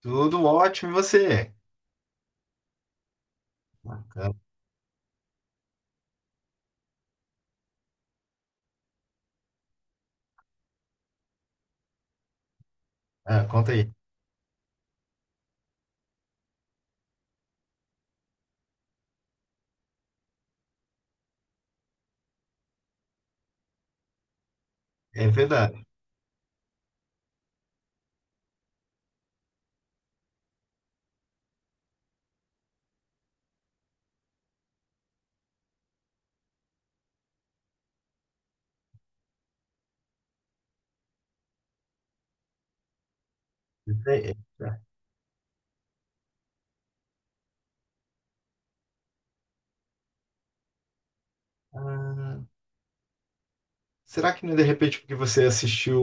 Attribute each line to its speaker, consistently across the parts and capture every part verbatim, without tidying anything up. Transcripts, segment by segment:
Speaker 1: Tudo ótimo, e você? Bacana. Ah, conta aí. É verdade. É- é- Ah, será que não é de repente porque você assistiu,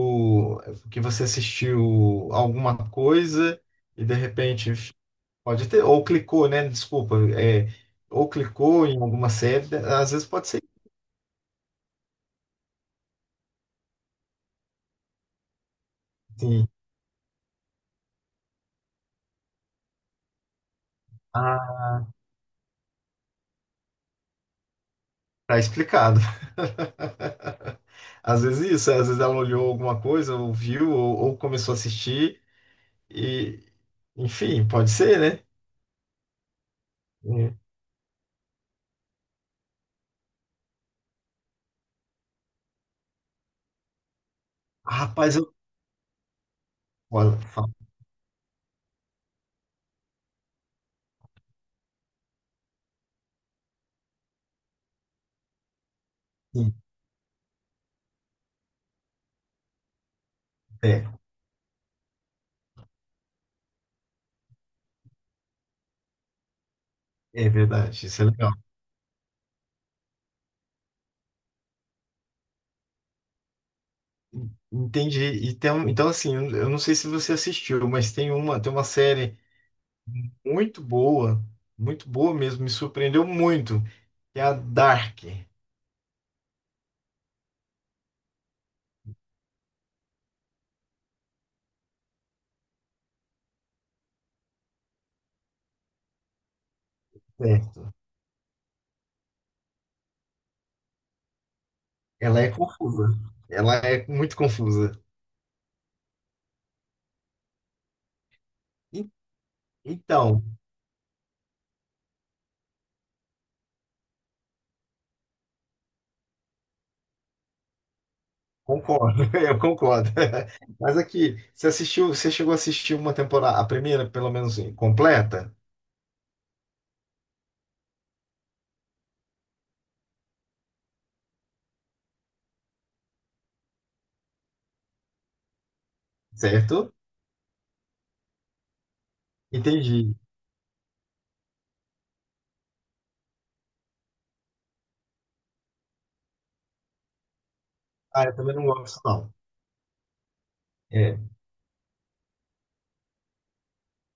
Speaker 1: porque você assistiu alguma coisa e de repente pode ter, ou clicou, né? Desculpa, é, ou clicou em alguma série, às vezes pode ser sim. Ah, tá explicado. Às vezes isso, às vezes ela olhou alguma coisa, ou viu, ou, ou começou a assistir, e enfim, pode ser, né? É. Rapaz, eu olha, fala assim, é, é verdade, isso é legal. Entendi. E tem, um- então assim, eu eu não sei se você assistiu, mas tem uma, tem uma série muito boa, muito boa mesmo, me surpreendeu muito, que é a Dark. Certo. Ela é confusa. Ela é muito confusa. E- Então, concordo, eu concordo. Mas aqui, você assistiu, você chegou a assistir uma temporada, a primeira, pelo menos, assim, completa, certo? Entendi. Ah, eu também não gosto, não. É,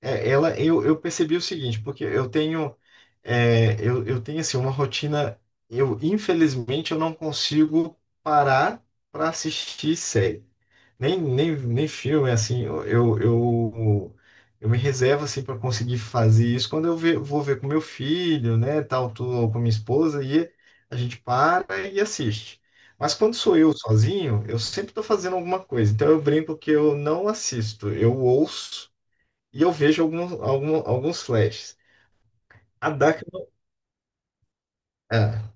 Speaker 1: É, ela, eu, eu percebi o seguinte, porque eu tenho, é, eu, eu tenho assim, uma rotina, eu infelizmente eu não consigo parar para assistir série, nem, nem, nem filme, assim, eu, eu, eu eu me reservo assim para conseguir fazer isso quando eu ve- vou ver com meu filho, né, tal, tô, ou com minha esposa, e a gente para e assiste. Mas quando sou eu sozinho, eu sempre estou fazendo alguma coisa, então eu brinco que eu não assisto, eu ouço, e eu vejo alguns, algum- alguns flashes. A D A C não. é,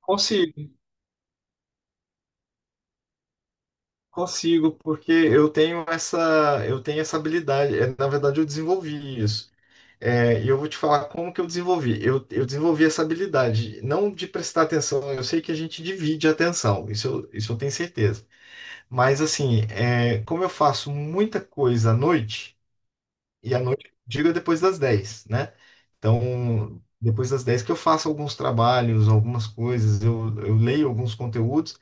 Speaker 1: consigo, consigo, porque eu tenho essa, eu tenho essa habilidade. É, na verdade, eu desenvolvi isso. É, e eu vou te falar como que eu desenvolvi. Eu, eu desenvolvi essa habilidade, não de prestar atenção, eu sei que a gente divide a atenção, isso eu, isso eu tenho certeza. Mas assim, é, como eu faço muita coisa à noite. E à noite, diga depois das dez, né? Então, depois das dez que eu faço alguns trabalhos, algumas coisas, eu, eu leio alguns conteúdos,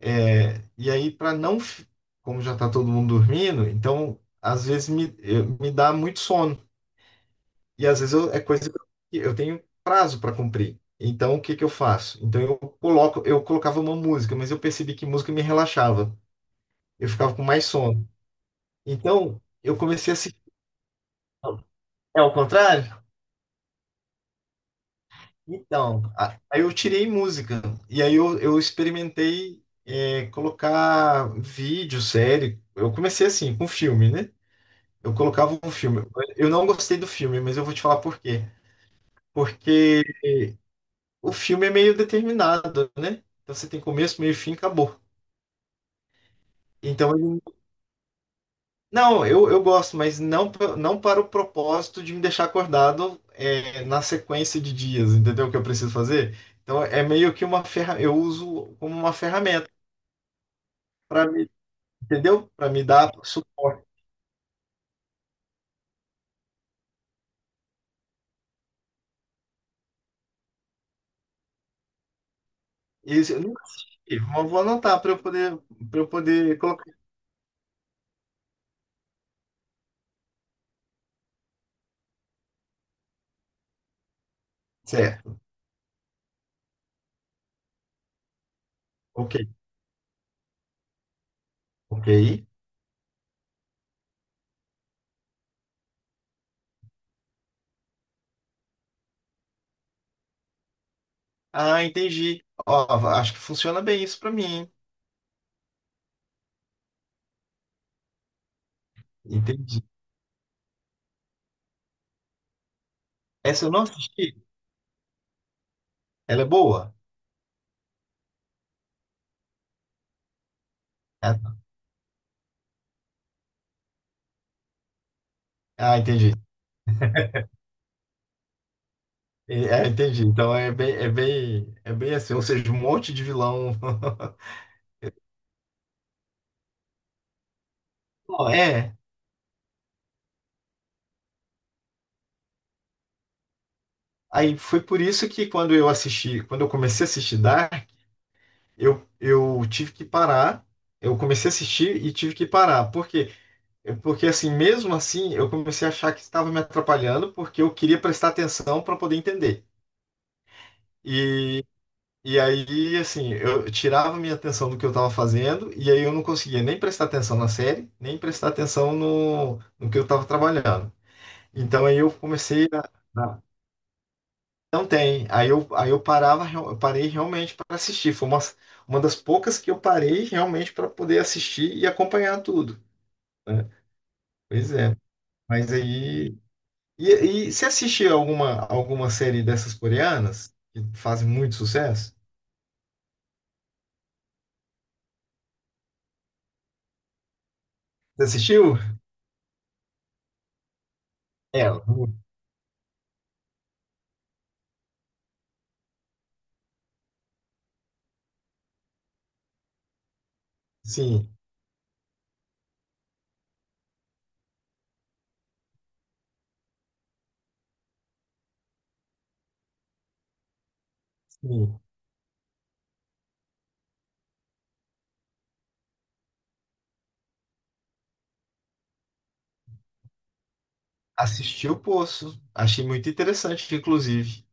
Speaker 1: é, e aí para não, fi- como já está todo mundo dormindo, então às vezes me, eu- me dá muito sono, e às vezes eu, é coisa que eu tenho prazo para cumprir. Então, o que que eu faço? Então, eu coloco, eu colocava uma música, mas eu percebi que música me relaxava, eu ficava com mais sono. Então, eu comecei a assistir. É o contrário? Então, a- aí eu tirei música. E aí eu, eu experimentei é, colocar vídeo, série. Eu comecei assim, com filme, né? Eu colocava um filme. Eu não gostei do filme, mas eu vou te falar por quê. Porque o filme é meio determinado, né? Então você tem começo, meio e fim, acabou. Então, ele- não, eu, eu gosto, mas não, pra- não para o propósito de me deixar acordado é, na sequência de dias, entendeu? O que eu preciso fazer? Então, é meio que uma ferra... eu uso como uma ferramenta. Pra me, entendeu? Para me dar suporte. E isso eu nunca assisti. Vou vou anotar para eu poder, para eu poder colocar. Certo. Ok. Ok. Ah, entendi. Ó, acho que funciona bem isso para mim, hein? Entendi. Essa eu não assisti. Ela é boa? Ah, tá. Ah, entendi. E- É, entendi. Então é bem, é bem, é bem assim, ou seja, um monte de vilão. Ó, é. Aí foi por isso que quando eu assisti, quando eu comecei a assistir Dark, Eu, eu tive que parar, eu comecei a assistir e tive que parar. Por quê? Eu- Porque assim, mesmo assim, eu comecei a achar que estava me atrapalhando porque eu queria prestar atenção para poder entender. E, e aí, assim, eu tirava minha atenção do que eu estava fazendo e aí eu não conseguia nem prestar atenção na série, nem prestar atenção no, no que eu estava trabalhando. Então aí eu comecei a, Não tem. Aí eu, aí eu parava, eu parei realmente para assistir. Foi uma, uma das poucas que eu parei realmente para poder assistir e acompanhar tudo, né? Pois é. Mas aí. E, e você assistiu alguma, alguma série dessas coreanas que fazem muito sucesso? Você assistiu? É, sim, sim. Assisti o Poço. Achei muito interessante, inclusive.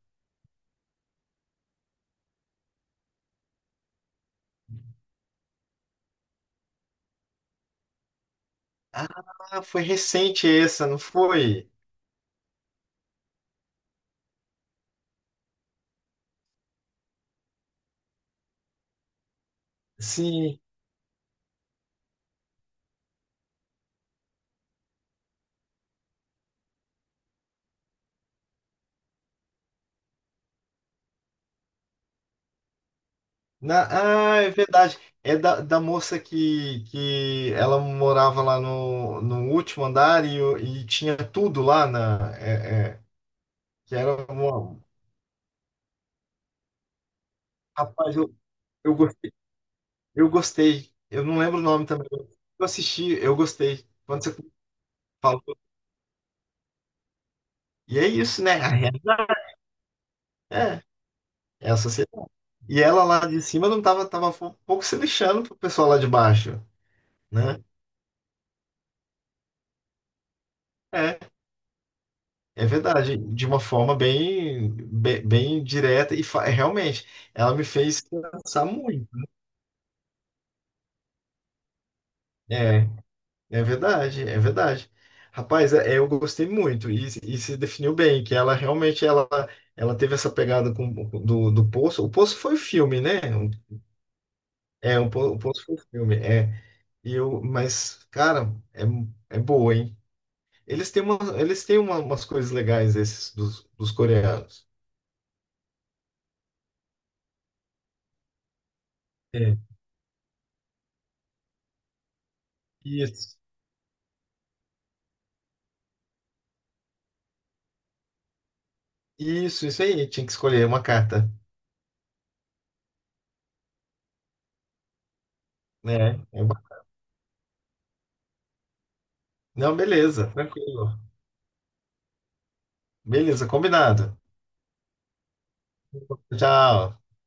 Speaker 1: Ah, foi recente essa, não foi? Sim, Na- ah, é verdade. É da, da moça que, que ela morava lá no, no último andar e, o- e tinha tudo lá na. É, é, que era uma. Rapaz, eu, eu gostei. Eu gostei. Eu não lembro o nome também. Eu assisti, eu gostei. Quando você falou. E é isso, né? A realidade. É, é a sociedade. E ela lá de cima não tava, tava um pouco se lixando pro pessoal lá de baixo, né? É. É verdade, de uma forma bem, be- bem, direta e fa- realmente, ela me fez pensar muito. É, é verdade, é verdade. Rapaz, é- eu gostei muito e, e se definiu bem que ela realmente ela, ela teve essa pegada com, do, do Poço. O Poço foi o filme, né? É, o, Po- o Poço foi o filme. É, e eu, mas cara, é, é boa, hein? Eles têm uma, eles têm uma- umas coisas legais esses dos, dos coreanos. É. Isso. Isso, isso aí. Tinha que escolher uma carta, né? É ba- Não, beleza, tranquilo. Beleza, combinado. Tchau.